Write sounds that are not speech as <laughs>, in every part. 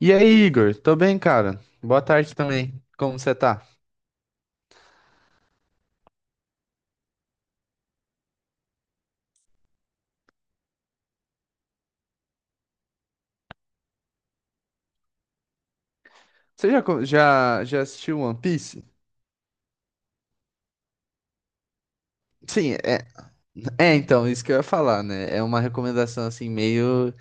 E aí, Igor? Tô bem, cara. Boa tarde também. Como você tá? Você já assistiu One Piece? Sim, é então, isso que eu ia falar, né? É uma recomendação assim, meio,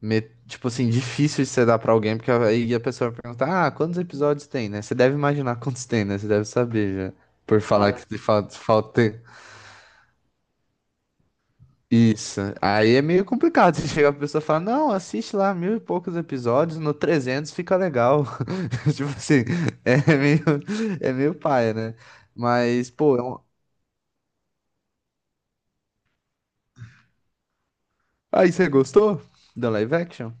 me- tipo assim, difícil de você dar pra alguém, porque aí a pessoa vai perguntar, ah, quantos episódios tem, né? Você deve imaginar <laughs> quantos tem, né? Você deve saber já, por falar que falta, falta. Isso. Aí é meio complicado. Você chega pra pessoa e fala, não, assiste lá mil e poucos episódios, no 300 fica legal. <laughs> Tipo assim, é meio, é meio paia, né? Mas, pô, é um. Aí você gostou do live action?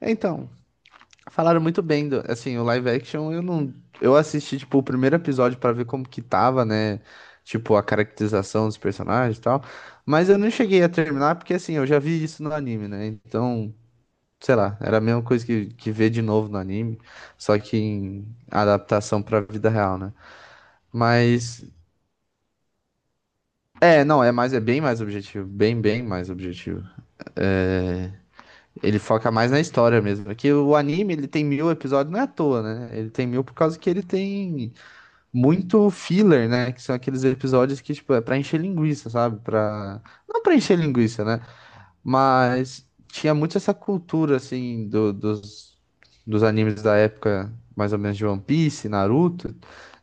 Então, falaram muito bem do, assim, o live action eu não, eu assisti, tipo, o primeiro episódio pra ver como que tava, né? Tipo, a caracterização dos personagens e tal. Mas eu não cheguei a terminar porque, assim, eu já vi isso no anime, né? Então. Sei lá, era a mesma coisa que ver de novo no anime, só que em adaptação pra vida real, né? Mas, é, não, é mais, é bem mais objetivo, bem mais objetivo. É, ele foca mais na história mesmo, porque o anime, ele tem 1.000 episódios, não é à toa, né? Ele tem mil por causa que ele tem muito filler, né? Que são aqueles episódios que, tipo, é pra encher linguiça, sabe? Pra. Não pra encher linguiça, né? Mas tinha muito essa cultura, assim, dos animes da época, mais ou menos de One Piece, Naruto,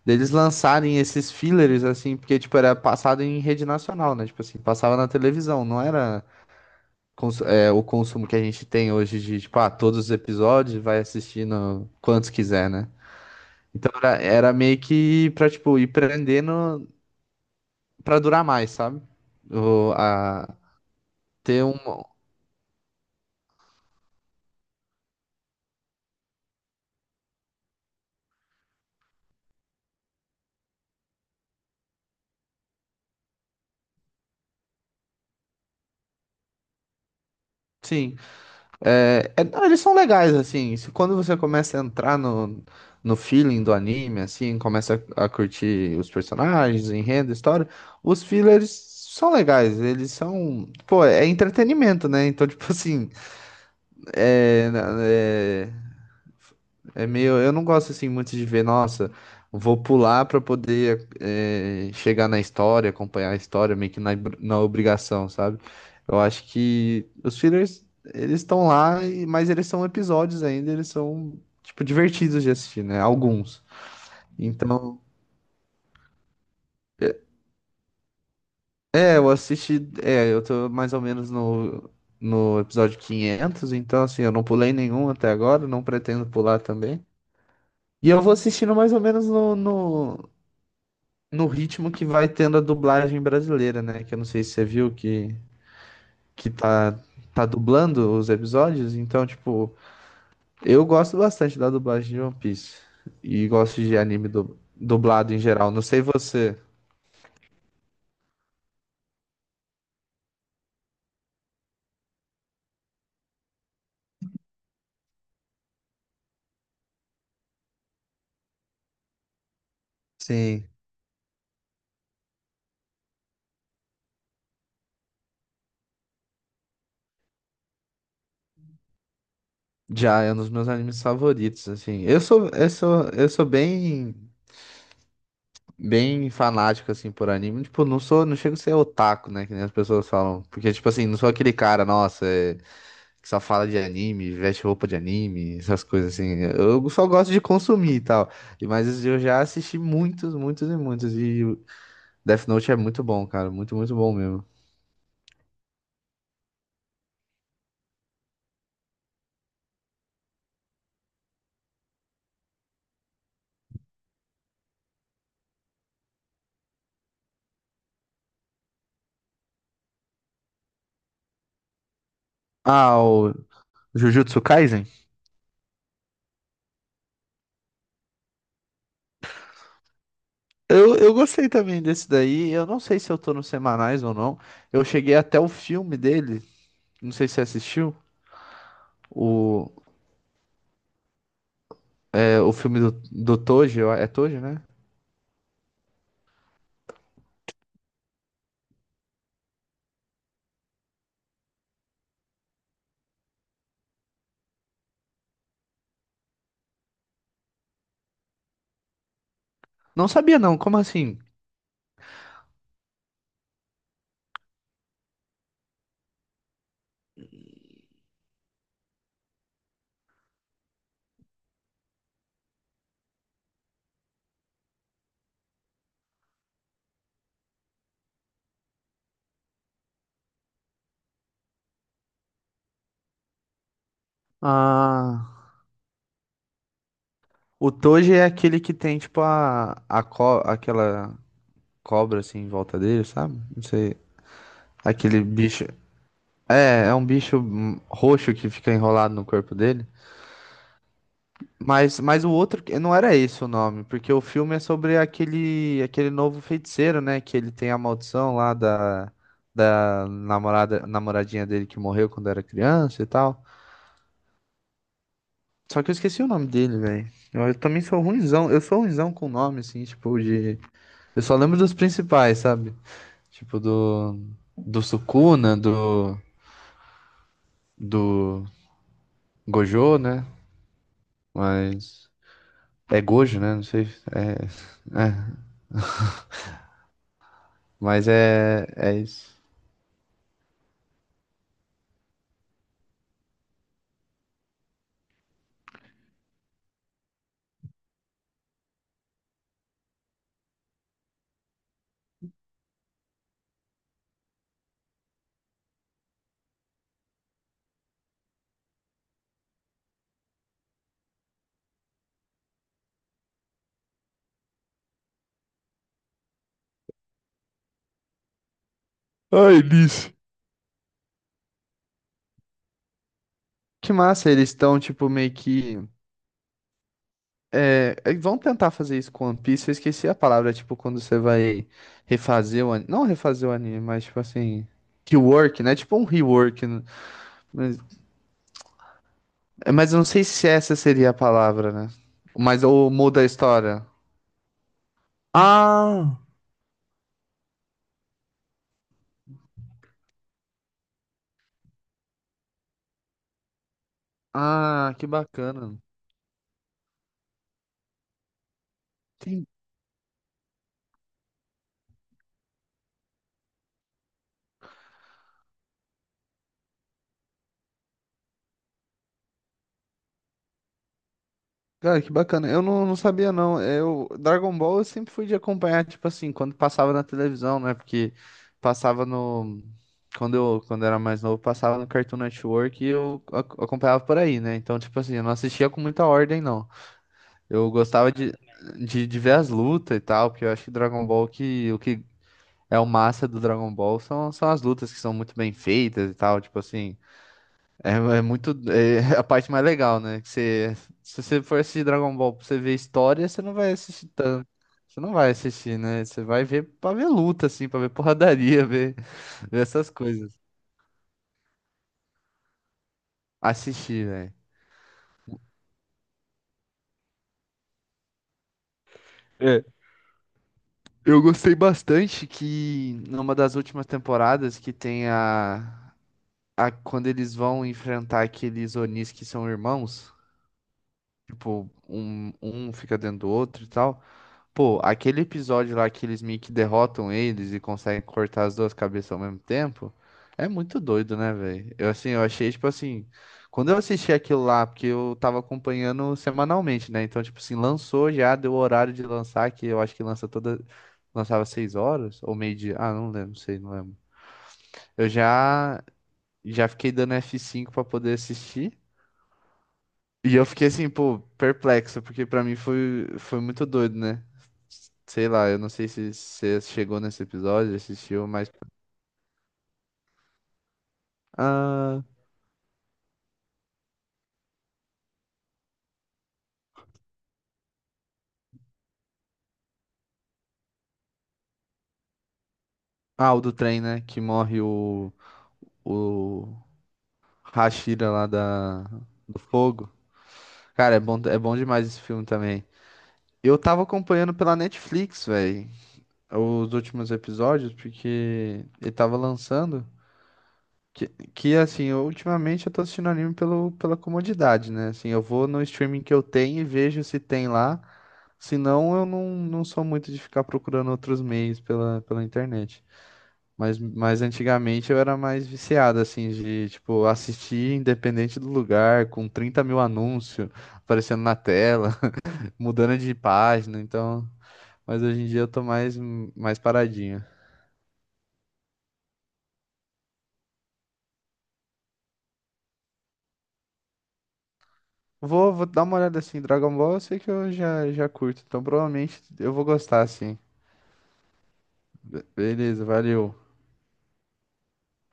deles lançarem esses fillers, assim, porque, tipo, era passado em rede nacional, né? Tipo assim, passava na televisão, não era o consumo que a gente tem hoje de, tipo, ah, todos os episódios, vai assistindo quantos quiser, né? Então era meio que pra, tipo, ir prendendo pra durar mais, sabe? O, a, ter um. Sim. É, não, eles são legais, assim. Se, Quando você começa a entrar no feeling do anime, assim, começa a curtir os personagens, o enredo, a história, os fillers são legais. Eles são. Pô, é entretenimento, né? Então, <laughs> tipo assim. É, é meio, eu não gosto assim muito de ver, nossa, vou pular pra poder chegar na história, acompanhar a história, meio que na obrigação, sabe? Eu acho que os fillers, eles estão lá, mas eles são episódios ainda, eles são, tipo, divertidos de assistir, né? Alguns. Então, é, eu assisti, é, eu tô mais ou menos no episódio 500 então assim, eu não pulei nenhum até agora, não pretendo pular também. E eu vou assistindo mais ou menos no ritmo que vai tendo a dublagem brasileira, né? Que eu não sei se você viu que tá dublando os episódios. Então, tipo, eu gosto bastante da dublagem de One Piece. E gosto de anime dublado em geral. Não sei você. Sim. Já é um dos meus animes favoritos, assim. Eu sou bem fanático, assim, por anime. Tipo, não sou, não chego a ser otaku, né? Que nem as pessoas falam. Porque, tipo assim, não sou aquele cara, nossa, é que só fala de anime, veste roupa de anime, essas coisas assim. Eu só gosto de consumir e tal. Mas eu já assisti muitos, muitos e muitos. E o Death Note é muito bom, cara. Muito, muito bom mesmo. Ah, o Jujutsu Kaisen? Eu gostei também desse daí. Eu não sei se eu tô nos semanais ou não. Eu cheguei até o filme dele. Não sei se você assistiu. O, o filme do Toji. É Toji, né? Não sabia não. Como assim? Ah. O Toji é aquele que tem, tipo, aquela cobra, assim, em volta dele, sabe? Não sei. Aquele bicho. É, é um bicho roxo que fica enrolado no corpo dele. Mas o outro, não era esse o nome, porque o filme é sobre aquele novo feiticeiro, né? Que ele tem a maldição lá da namorada, namoradinha dele que morreu quando era criança e tal. Só que eu esqueci o nome dele, velho. Eu também sou ruinzão, eu sou ruinzão com nome, assim, tipo, de. Eu só lembro dos principais, sabe? Tipo do. Do Sukuna, do. Do Gojo, né? Mas. É Gojo, né? Não sei. É. é. Mas é. É isso. Ai, eles. Que massa, eles estão, tipo, meio que. É, vão tentar fazer isso com One Piece. Eu esqueci a palavra, tipo, quando você vai refazer o anime. Não refazer o anime, mas, tipo assim. Rework, né? Tipo um rework, né? Mas, é, mas eu não sei se essa seria a palavra, né? Mas ou muda a história. Ah. Ah, que bacana. Tem- Cara, que bacana. Eu não, não sabia, não. Dragon Ball eu sempre fui de acompanhar, tipo assim, quando passava na televisão, né? Porque passava no. Quando eu era mais novo, passava no Cartoon Network e eu acompanhava por aí, né? Então, tipo assim, eu não assistia com muita ordem, não. Eu gostava de ver as lutas e tal, porque eu acho que Dragon Ball que. O que é o massa do Dragon Ball são as lutas que são muito bem feitas e tal, tipo assim. É, é muito. É <laughs> a parte mais legal, né? Que você, se você for assistir Dragon Ball pra você ver história, você não vai assistir tanto. Você não vai assistir, né? Você vai ver pra ver luta, assim, pra ver <laughs> porradaria, ver, essas coisas. Assistir, velho. É, eu gostei bastante que numa das últimas temporadas que tem a quando eles vão enfrentar aqueles Onis que são irmãos, tipo, um fica dentro do outro e tal. Pô, aquele episódio lá que eles meio que derrotam eles e conseguem cortar as duas cabeças ao mesmo tempo, é muito doido, né, velho? Eu assim, eu achei tipo assim, quando eu assisti aquilo lá, porque eu tava acompanhando semanalmente, né? Então, tipo assim, lançou já, deu o horário de lançar, que eu acho que lança toda, lançava 6h ou meio-dia, ah, não lembro, não sei, não lembro. Eu já fiquei dando F5 pra poder assistir. E eu fiquei assim, pô, perplexo, porque pra mim foi muito doido, né? Sei lá, eu não sei se você chegou nesse episódio, assistiu, mas. Ah, ah, o do trem, né? Que morre o Hashira lá da, do fogo. Cara, é bom demais esse filme também. Eu tava acompanhando pela Netflix, velho, os últimos episódios, porque ele tava lançando. Que, que assim, eu, ultimamente eu tô assistindo anime pelo, pela comodidade, né? Assim, eu vou no streaming que eu tenho e vejo se tem lá. Se não, eu não, não sou muito de ficar procurando outros meios pela, internet. Mas antigamente eu era mais viciado, assim, de, tipo, assistir independente do lugar, com 30.000 anúncios aparecendo na tela, <laughs> mudando de página, então. Mas hoje em dia eu tô mais, mais paradinho. Vou dar uma olhada assim. Dragon Ball eu sei que eu já curto, então provavelmente eu vou gostar assim. Beleza, valeu.